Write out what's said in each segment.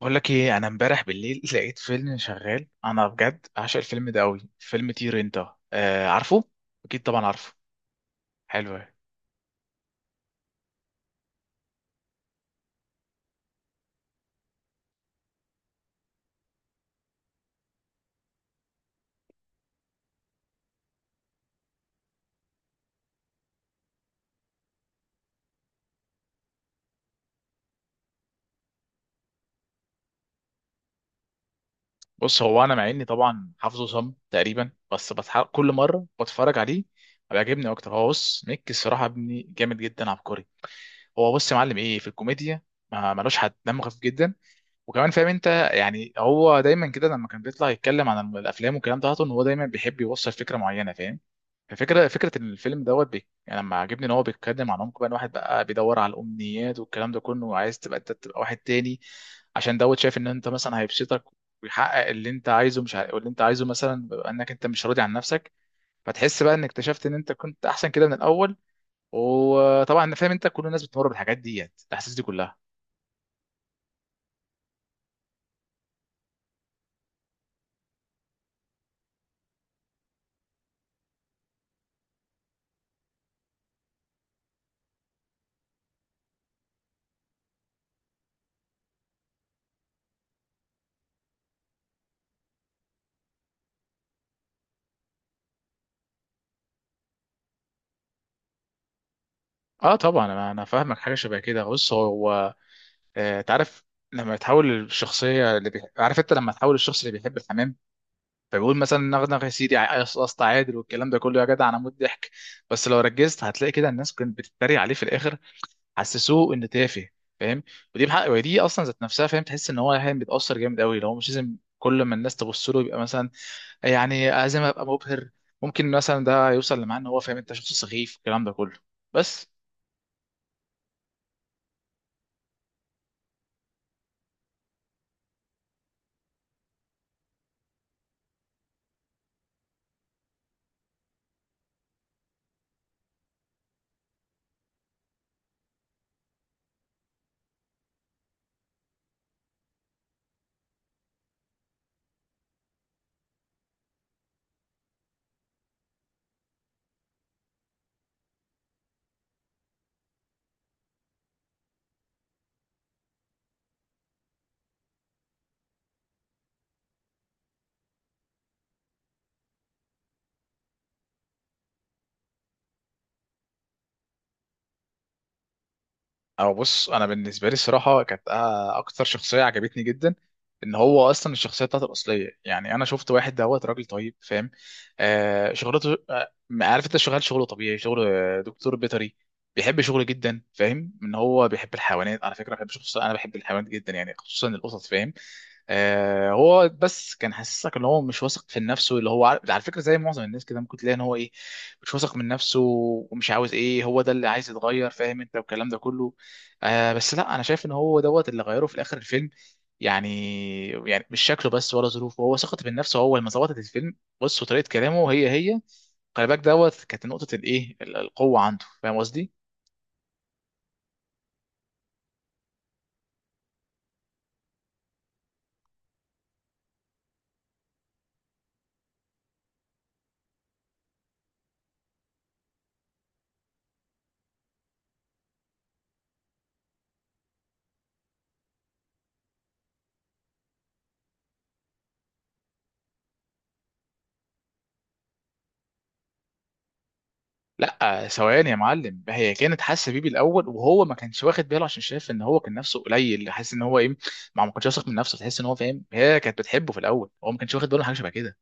بقول لك ايه؟ انا امبارح بالليل لقيت فيلم شغال. انا بجد عاشق الفيلم ده قوي، فيلم طير انت. آه عارفه. اكيد طبعا عارفه. حلو أوي. بص، هو انا مع اني طبعا حافظه صم تقريبا بس كل مره بتفرج عليه بيعجبني اكتر. هو بص ميك، الصراحه ابني جامد جدا، عبقري. هو بص يا معلم، ايه في الكوميديا ما ملوش حد؟ دمه خفيف جدا، وكمان فاهم انت، يعني هو دايما كده لما كان بيطلع يتكلم عن الافلام والكلام ده، ان هو دايما بيحب يوصل فكره معينه، فاهم؟ فكرة الفيلم دوت بي، يعني لما عجبني ان هو بيتكلم عن عمق بقى، إن واحد بقى بيدور على الامنيات والكلام ده كله، وعايز تبقى انت تبقى واحد تاني، عشان دوت شايف ان انت مثلا هيبسطك ويحقق اللي انت عايزه. مش عارف، اللي انت عايزه مثلا بيبقى انك انت مش راضي عن نفسك، فتحس بقى انك اكتشفت ان انت كنت احسن كده من الاول. وطبعا انا فاهم انت، كل الناس بتمر بالحاجات ديت، الاحاسيس دي كلها. اه طبعا، انا فاهمك. حاجه شبه كده، بص هو تعرف، لما تحول الشخصيه عارف انت، لما تحول الشخص اللي بيحب الحمام، فبيقول مثلا نغنغ يا سيدي، قصقص تعادل والكلام ده كله، يا جدع انا موت ضحك. بس لو ركزت هتلاقي كده الناس كانت بتتريق عليه في الاخر، حسسوه ان تافه، فاهم؟ ودي بحق، ودي اصلا ذات نفسها، فاهم؟ تحس ان هو يعني بيتاثر جامد قوي لو مش لازم، كل ما الناس تبص له يبقى مثلا، يعني لازم ابقى مبهر. ممكن مثلا ده يوصل لمعنى ان هو فاهم انت شخص سخيف، الكلام ده كله. بس او بص، انا بالنسبه لي الصراحه كانت اكتر شخصيه عجبتني جدا، ان هو اصلا الشخصيه بتاعته الاصليه. يعني انا شفت واحد دوت راجل طيب، فاهم؟ آه شغلته آه، عارف انت، شغال شغله طبيعي، شغل دكتور بيطري. بيحب شغله جدا، فاهم؟ ان هو بيحب الحيوانات، على فكره بحب شخص، انا بحب الحيوانات جدا يعني، خصوصا القطط، فاهم؟ آه، هو بس كان حاسسك ان هو مش واثق في نفسه، اللي هو على فكره زي معظم الناس كده، ممكن تلاقي ان هو ايه، مش واثق من نفسه، ومش عاوز ايه. هو ده اللي عايز يتغير، فاهم انت؟ والكلام ده كله. آه بس لا، انا شايف ان هو دوت اللي غيره في الاخر الفيلم، يعني يعني مش شكله بس ولا ظروفه، هو ثقته بالنفس هو، لما ظبطت الفيلم. بص وطريقه كلامه هي هي. خلي بالك، دوت كانت نقطه الايه، القوه عنده، فاهم قصدي؟ لا ثواني يا معلم، هي كانت حاسه بيه بالاول، وهو ما كانش واخد باله، عشان شايف ان هو كان نفسه قليل، حاسس ان هو ايه، ما كانش واثق من نفسه. تحس ان هو فاهم، هي كانت بتحبه في الاول، هو ما كانش واخد باله من حاجه شبه كده.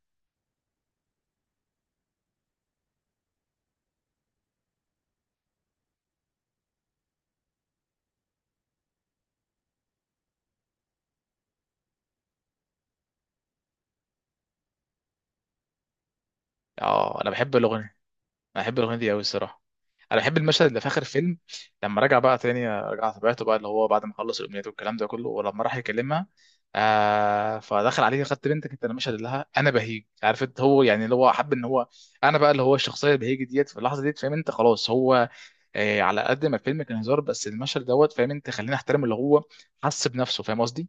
اه انا بحب الاغنيه، انا بحب الاغنيه دي قوي الصراحه. انا بحب المشهد اللي في اخر الفيلم، لما رجع بقى تاني، رجع طبيعته بقى، اللي هو بعد ما خلص الامنيات والكلام ده كله، ولما راح يكلمها، آه فدخل عليه، خدت بنتك انت، انا مش هديلها لها، انا بهيج، عارف انت؟ هو يعني اللي هو حب ان هو انا بقى، اللي هو الشخصيه البهيج ديت في اللحظه ديت، فاهم انت؟ خلاص هو، آه على قد ما الفيلم كان هزار، بس المشهد دوت فاهم انت، خلينا احترم اللي هو حس بنفسه، فاهم قصدي؟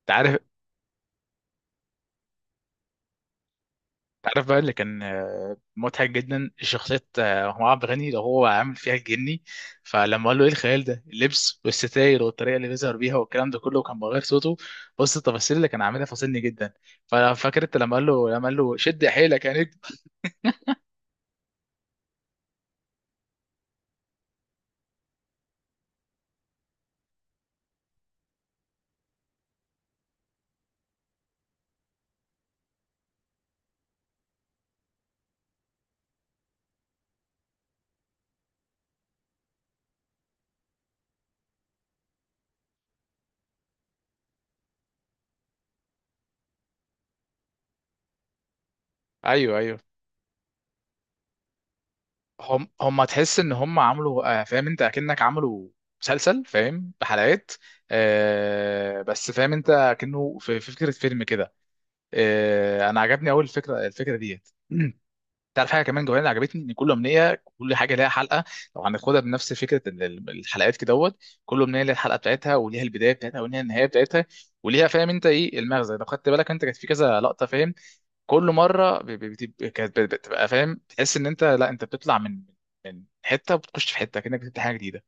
انت عارف، تعرف بقى اللي كان مضحك جدا، شخصية هو عبد الغني لو، هو عامل فيها الجني، فلما قال له ايه الخيال ده، اللبس والستاير والطريقة اللي بيظهر بيها والكلام ده كله، وكان بغير صوته. بص التفاصيل اللي كان عاملها فاصلني جدا. ففاكر انت لما قال له شد حيلك يا نجم؟ ايوه، ايوه. هم تحس ان هم عملوا فاهم انت، اكنك عملوا مسلسل، فاهم؟ بحلقات. آه بس فاهم انت، كأنه في فكرة فيلم كده. آه انا عجبني اول الفكرة، الفكرة ديت. تعرف حاجه كمان جوانا عجبتني، ان كل امنيه كل حاجه ليها حلقه، لو هناخدها بنفس فكره الحلقات كده دوت. كل امنيه ليها الحلقه بتاعتها، وليها البدايه بتاعتها، وليها النهايه بتاعتها، وليها فاهم انت ايه المغزى. لو خدت بالك انت، كانت في كذا لقطه، فاهم؟ كل مره كانت بتبقى فاهم، تحس ان انت لا، انت بتطلع من من حته، وبتخش في حته، كانك بتبدا حاجه جديده.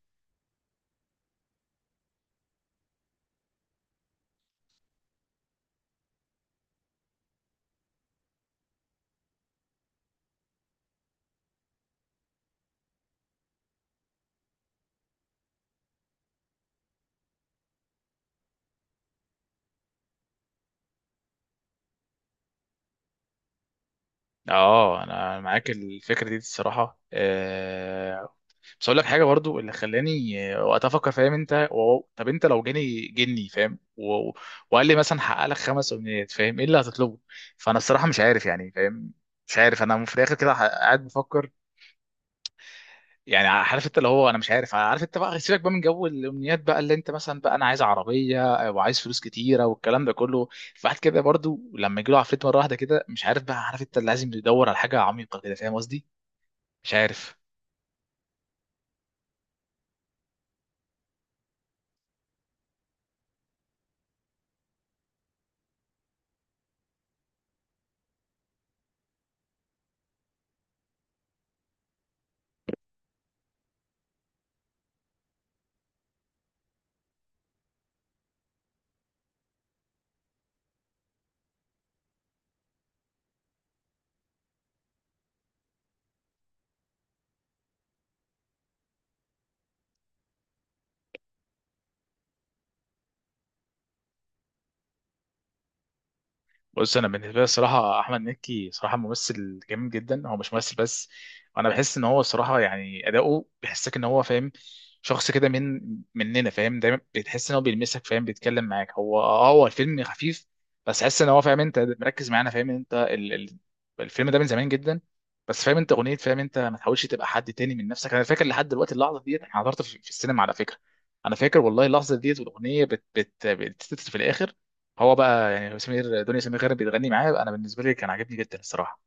اه انا معاك الفكره دي الصراحه. بس اقول لك حاجه برضو، اللي خلاني وقتها افكر، فاهم انت؟ واو، طب انت لو جاني جني، فاهم؟ وقال لي مثلا حقق لك 5 امنيات، فاهم؟ ايه اللي هتطلبه؟ فانا الصراحه مش عارف، يعني فاهم، مش عارف انا في الاخر كده، قاعد بفكر، يعني عارف انت، اللي هو انا مش عارف. عارف انت بقى، سيبك بقى من جو الامنيات بقى، اللي انت مثلا بقى انا عايز عربيه، وعايز فلوس كتيره والكلام ده كله. فواحد كده برضو لما يجي له عفريت مره واحده كده، مش عارف بقى، عارف انت اللي لازم يدور على حاجه عميقه كده، فاهم قصدي؟ مش عارف. بص انا بالنسبه لي الصراحه، احمد مكي صراحه ممثل جميل جدا، هو مش ممثل بس. انا بحس ان هو الصراحه يعني اداؤه بيحسك ان هو فاهم، شخص كده من مننا، فاهم؟ دايما بتحس ان هو بيلمسك، فاهم بيتكلم معاك. هو اه، هو الفيلم خفيف، بس حس ان هو فاهم انت مركز معانا، فاهم انت الفيلم ده من زمان جدا، بس فاهم انت اغنيه فاهم انت، ما تحاولش تبقى حد تاني من نفسك. انا فاكر لحد دلوقتي اللحظه ديت، انا حضرت في السينما على فكره. انا فاكر والله اللحظه ديت، والاغنيه بتتتر في الاخر، هو بقى يعني سمير، دنيا سمير غانم بتغني معاه. انا بالنسبه لي كان عاجبني جدا الصراحه.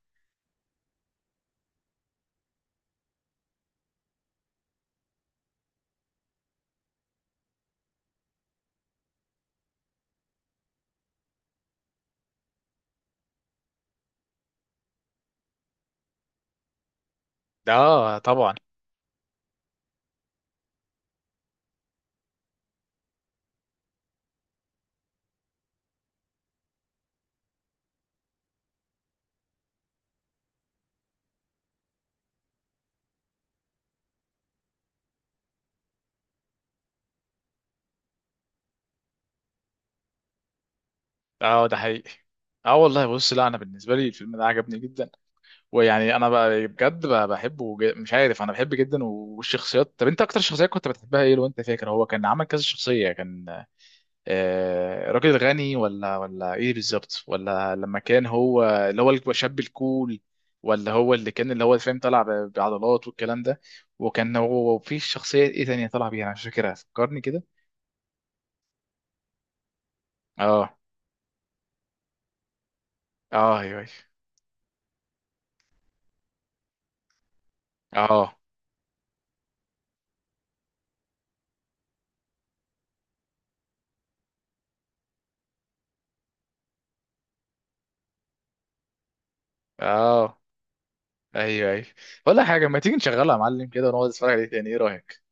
ده اه طبعا. اه ده حقيقي. اه والله، بص لا انا بالنسبه لي الفيلم ده عجبني جدا، ويعني انا بقى بجد بقى مش عارف، انا بحبه جدا، والشخصيات. طب انت اكتر شخصيه كنت بتحبها ايه لو انت فاكر؟ هو كان عمل كذا شخصيه، كان راجل غني، ولا ايه بالظبط، ولا لما كان هو اللي هو الشاب الكول، ولا هو اللي كان اللي هو فاهم، طلع بعضلات والكلام ده، وكان هو في شخصية ايه تانية طلع بيها انا مش فاكرها، فكرني كده. اه اه، ايوه ايوه. اه اه، ايوه ايوه. ولا حاجة، ما تيجي نشغلها يا معلم كده، ونقعد نتفرج عليه تاني؟ ايه رأيك؟